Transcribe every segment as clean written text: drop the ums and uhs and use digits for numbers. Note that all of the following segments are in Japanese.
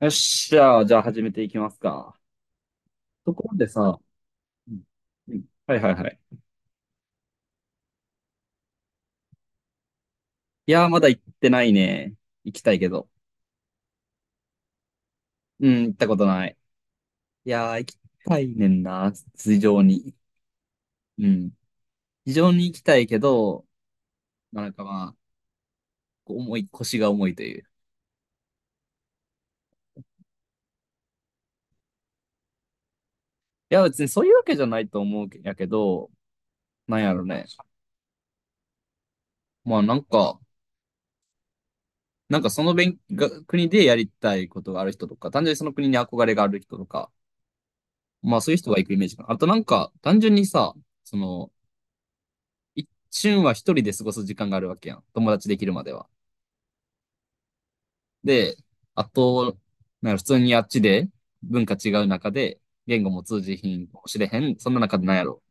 よっしゃー、じゃあ始めていきますか。ところでさ、うんうん、はい、はい、はい。いやー、まだ行ってないね。行きたいけど。うん、行ったことない。いやー、行きたいねんな、非常に。うん。非常に行きたいけど、なんかまあ、こう腰が重いという。いや、別にそういうわけじゃないと思うけやけど、なんやろね。まあ、なんかその勉が国でやりたいことがある人とか、単純にその国に憧れがある人とか、まあそういう人が行くイメージかな。あとなんか、単純にさ、その、一瞬は一人で過ごす時間があるわけやん。友達できるまでは。で、あと、なんか普通にあっちで文化違う中で、言語も通じひんかもしれへん。そんな中でなんやろ。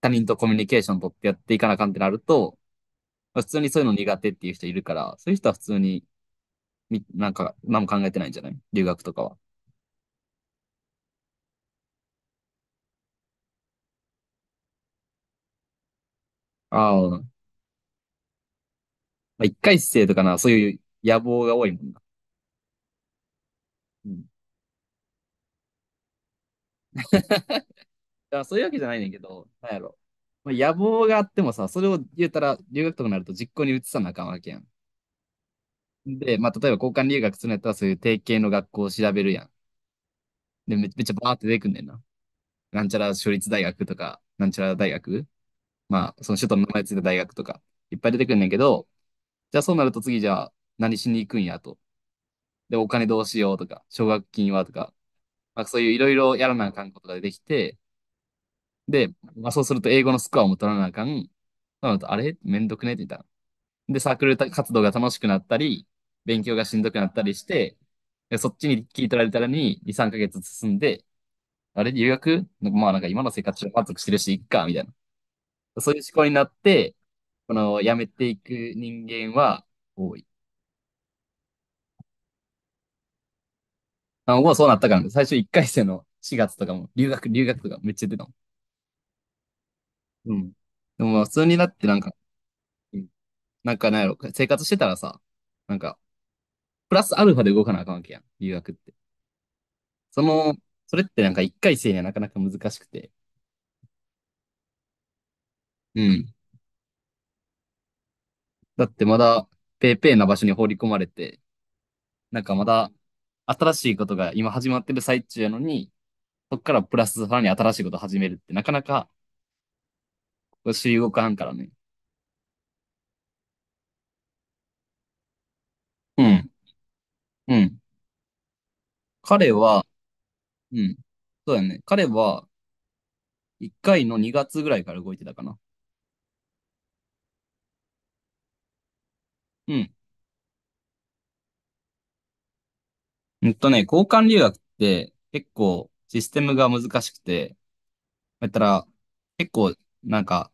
他人とコミュニケーション取ってやっていかなあかんってなると、まあ普通にそういうの苦手っていう人いるから、そういう人は普通に、みなんか、何も考えてないんじゃない留学とかは。ああ、まあ、一回生とかな、そういう野望が多いもんな。うんや、そういうわけじゃないねんけど、なんやろ。まあ、野望があってもさ、それを言うたら、留学とかになると実行に移さなあかんわけやん。で、まあ、例えば交換留学するんやったら、そういう定型の学校を調べるやん。で、めっちゃバーって出てくんねんな。なんちゃら私立大学とか、なんちゃら大学、まあ、その首都の名前ついた大学とか、いっぱい出てくんねんけど、じゃあそうなると次じゃあ何しに行くんやと。で、お金どうしようとか、奨学金はとか、まあ、そういういろいろやらなあかんことが出てきて、で、まあ、そうすると英語のスコアも取らなあかん。そうなると、あれめんどくねって言ったらで、サークル活動が楽しくなったり、勉強がしんどくなったりして、そっちに切り取られたらに2、3ヶ月進んで、あれ、留学なんかまあ、なんか今の生活満足してるし、いっか、みたいな。そういう思考になって、この辞めていく人間は多い。あ、僕はそうなったからね、最初1回生の4月とかも、留学、留学とかめっちゃ出たの。うん。でもまあ普通になってなんか、うん、なんかなんやろ、生活してたらさ、なんか、プラスアルファで動かなあかんわけやん、留学って。その、それってなんか一回生にはなかなか難しくて。うん。だってまだ、ペーペーな場所に放り込まれて、なんかまだ、新しいことが今始まってる最中やのに、そっからプラスさらに新しいこと始めるって、なかなか、主流動かんからね。うん。うん。彼は、うん。そうだね。彼は、一回の2月ぐらいから動いてたかな。うん。うんとね、交換留学って、結構、システムが難しくて、やったら、結構、なんか、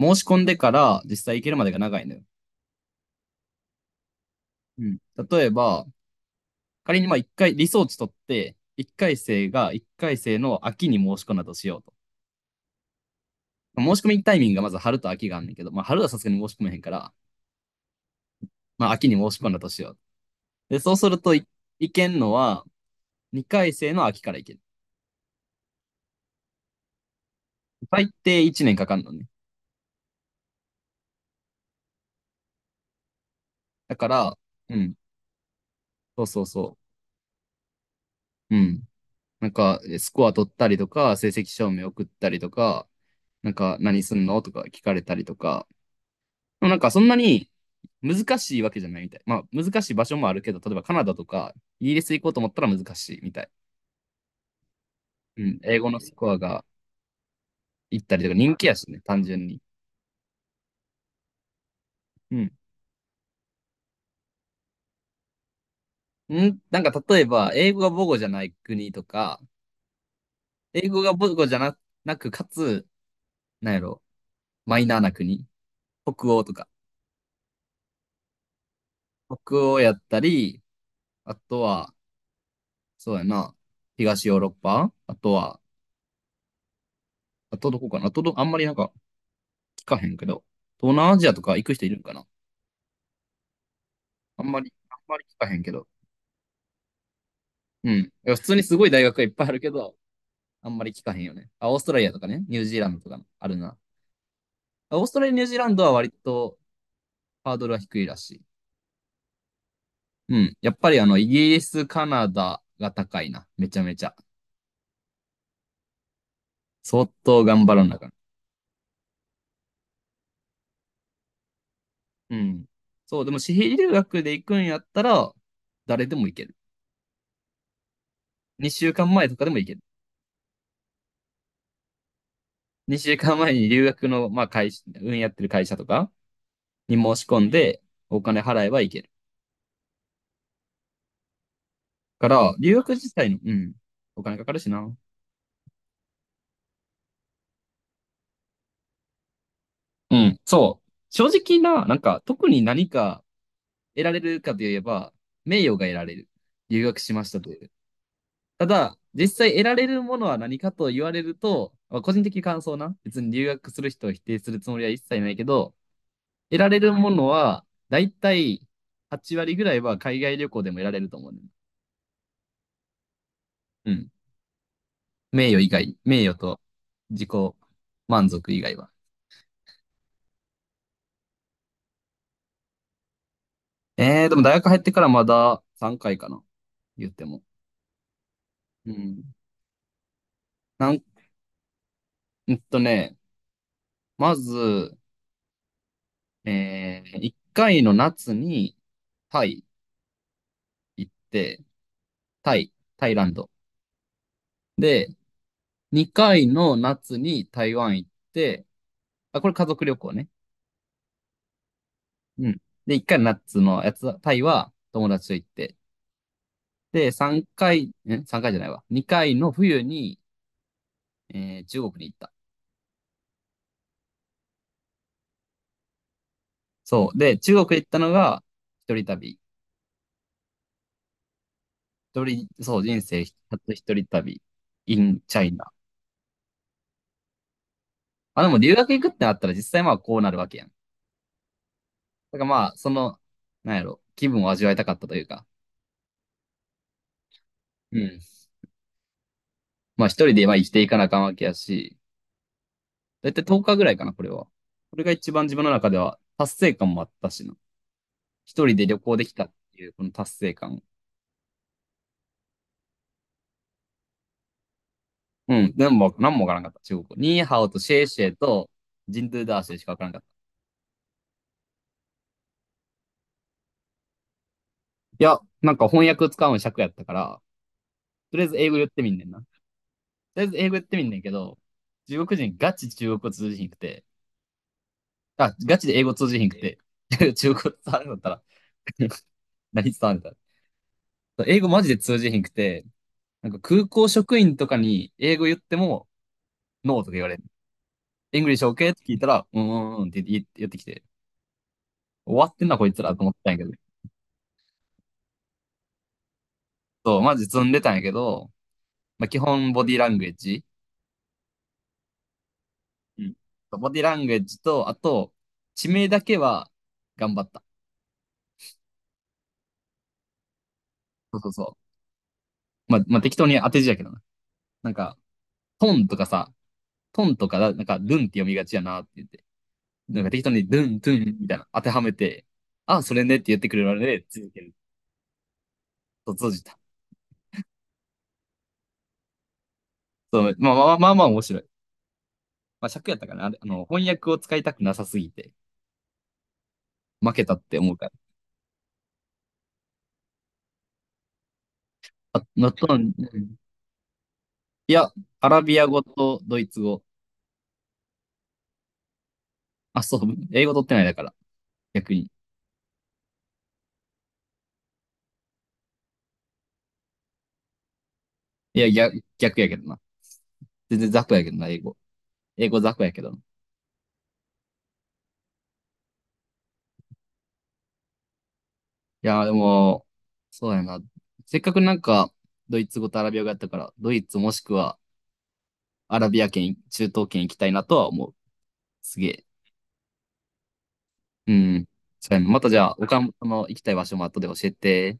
申し込んでから実際行けるまでが長いのよ。うん。例えば、仮にまあ一回、リソーチ取って、一回生が一回生の秋に申し込んだとしようと。申し込みタイミングがまず春と秋があんねんけど、まあ春はさすがに申し込めへんから、まあ秋に申し込んだとしようと。で、そうするとい、行けんのは二回生の秋から行ける。最低一年かかんのね。だから、うん、そうそうそう。うん。なんか、スコア取ったりとか、成績証明送ったりとか、なんか、何すんのとか聞かれたりとか、でもなんかそんなに難しいわけじゃないみたい。まあ難しい場所もあるけど、例えばカナダとかイギリス行こうと思ったら難しいみたい。うん。英語のスコアが行ったりとか人気やしね、単純に。うん。なんか例えば、英語が母語じゃない国とか、英語が母語じゃな、なく、かつ、なんやろ、マイナーな国。北欧とか。北欧やったり、あとは、そうやな、東ヨーロッパあとは、あとどこかなあとど、あんまりなんか聞かへんけど、東南アジアとか行く人いるんかな。あんまり、あんまり聞かへんけど。うん。いや普通にすごい大学がいっぱいあるけど、あんまり聞かへんよね。あ、オーストラリアとかね、ニュージーランドとかあるな。あオーストラリア、ニュージーランドは割とハードルは低いらしい。うん。やっぱりあの、イギリス、カナダが高いな。めちゃめちゃ。相当頑張らなあかん。うん。そう、でも私費留学で行くんやったら、誰でも行ける。2週間前とかでも行ける。2週間前に留学の、まあ、会社、運やってる会社とかに申し込んで、お金払えば行ける。から、留学自体の、うん、お金かかるしな。うん、そう。正直な、なんか、特に何か得られるかといえば、名誉が得られる。留学しましたという。ただ、実際得られるものは何かと言われると、まあ個人的感想な。別に留学する人を否定するつもりは一切ないけど、得られるものは、だいたい8割ぐらいは海外旅行でも得られると思うね。うん。名誉以外、名誉と自己満足以外は。ええでも大学入ってからまだ3回かいかな。言っても。うん。なん、うんとね、まず、ええ1回の夏にタイ行って、タイ、タイランド。で、2回の夏に台湾行って、あ、これ家族旅行ね。うん。で、1回の夏のやつ、タイは友達と行って。で、3回、えさん ?3 回じゃないわ。2回の冬に、中国に行った。そう。で、中国行ったのが一人旅。一人、そう、人生初一人旅、in China。まあ、でも留学行くってなったら実際まあこうなるわけやん。だからまあ、なんやろ、気分を味わいたかったというか。うん。まあ一人でまあ生きていかなあかんわけやし、だいたい10日ぐらいかな、これは。これが一番自分の中では達成感もあったしな。一人で旅行できたっていうこの達成感。うん。でも、なんもわからんかった、中国語。ニーハオとシェイシェイとジンドゥダーシェイしかわからんかった。いや、なんか翻訳使うの尺やったから、とりあえず英語言ってみんねんな。とりあえず英語やってみんねんけど、中国人ガチ中国語通じひんくて、あ、ガチで英語通じひんくて、中国語伝わるんだったら 何伝わるんだったら英語マジで通じひんくて、なんか空港職員とかに英語言っても、ノーとか言われる。イングリッシュ OK って聞いたら、うーんって言ってきて、終わってんなこいつらと思ったんやけど。そう、マジ積んでたんやけど、まあ、基本ボディランゲージ。うん。ボディランゲージと、あと、地名だけは頑張った。そうそうそう。まあ、まあ、適当に当て字やけどな。なんか、トンとかさ、トンとか、なんか、ルンって読みがちやなって言って、なんか適当にルン、トゥンみたいな当てはめて、あ、それねって言ってくれるので、続ける。と、閉じた。そう、まあ面白い。まあ尺やったかな。あの、翻訳を使いたくなさすぎて、負けたって思うから。あ、のトン、いや、アラビア語とドイツ語。あ、そう、英語取ってないだから、逆に。いや、逆やけどな。全然雑魚やけどな、英語。英語雑魚やけどな。いやー、でも、そうやな。せっかくなんか、ドイツ語とアラビア語やったから、ドイツもしくはアラビア圏、中東圏行きたいなとは思う。すげえ。うん。そうやなまたじゃあ、他の行きたい場所も後で教えて。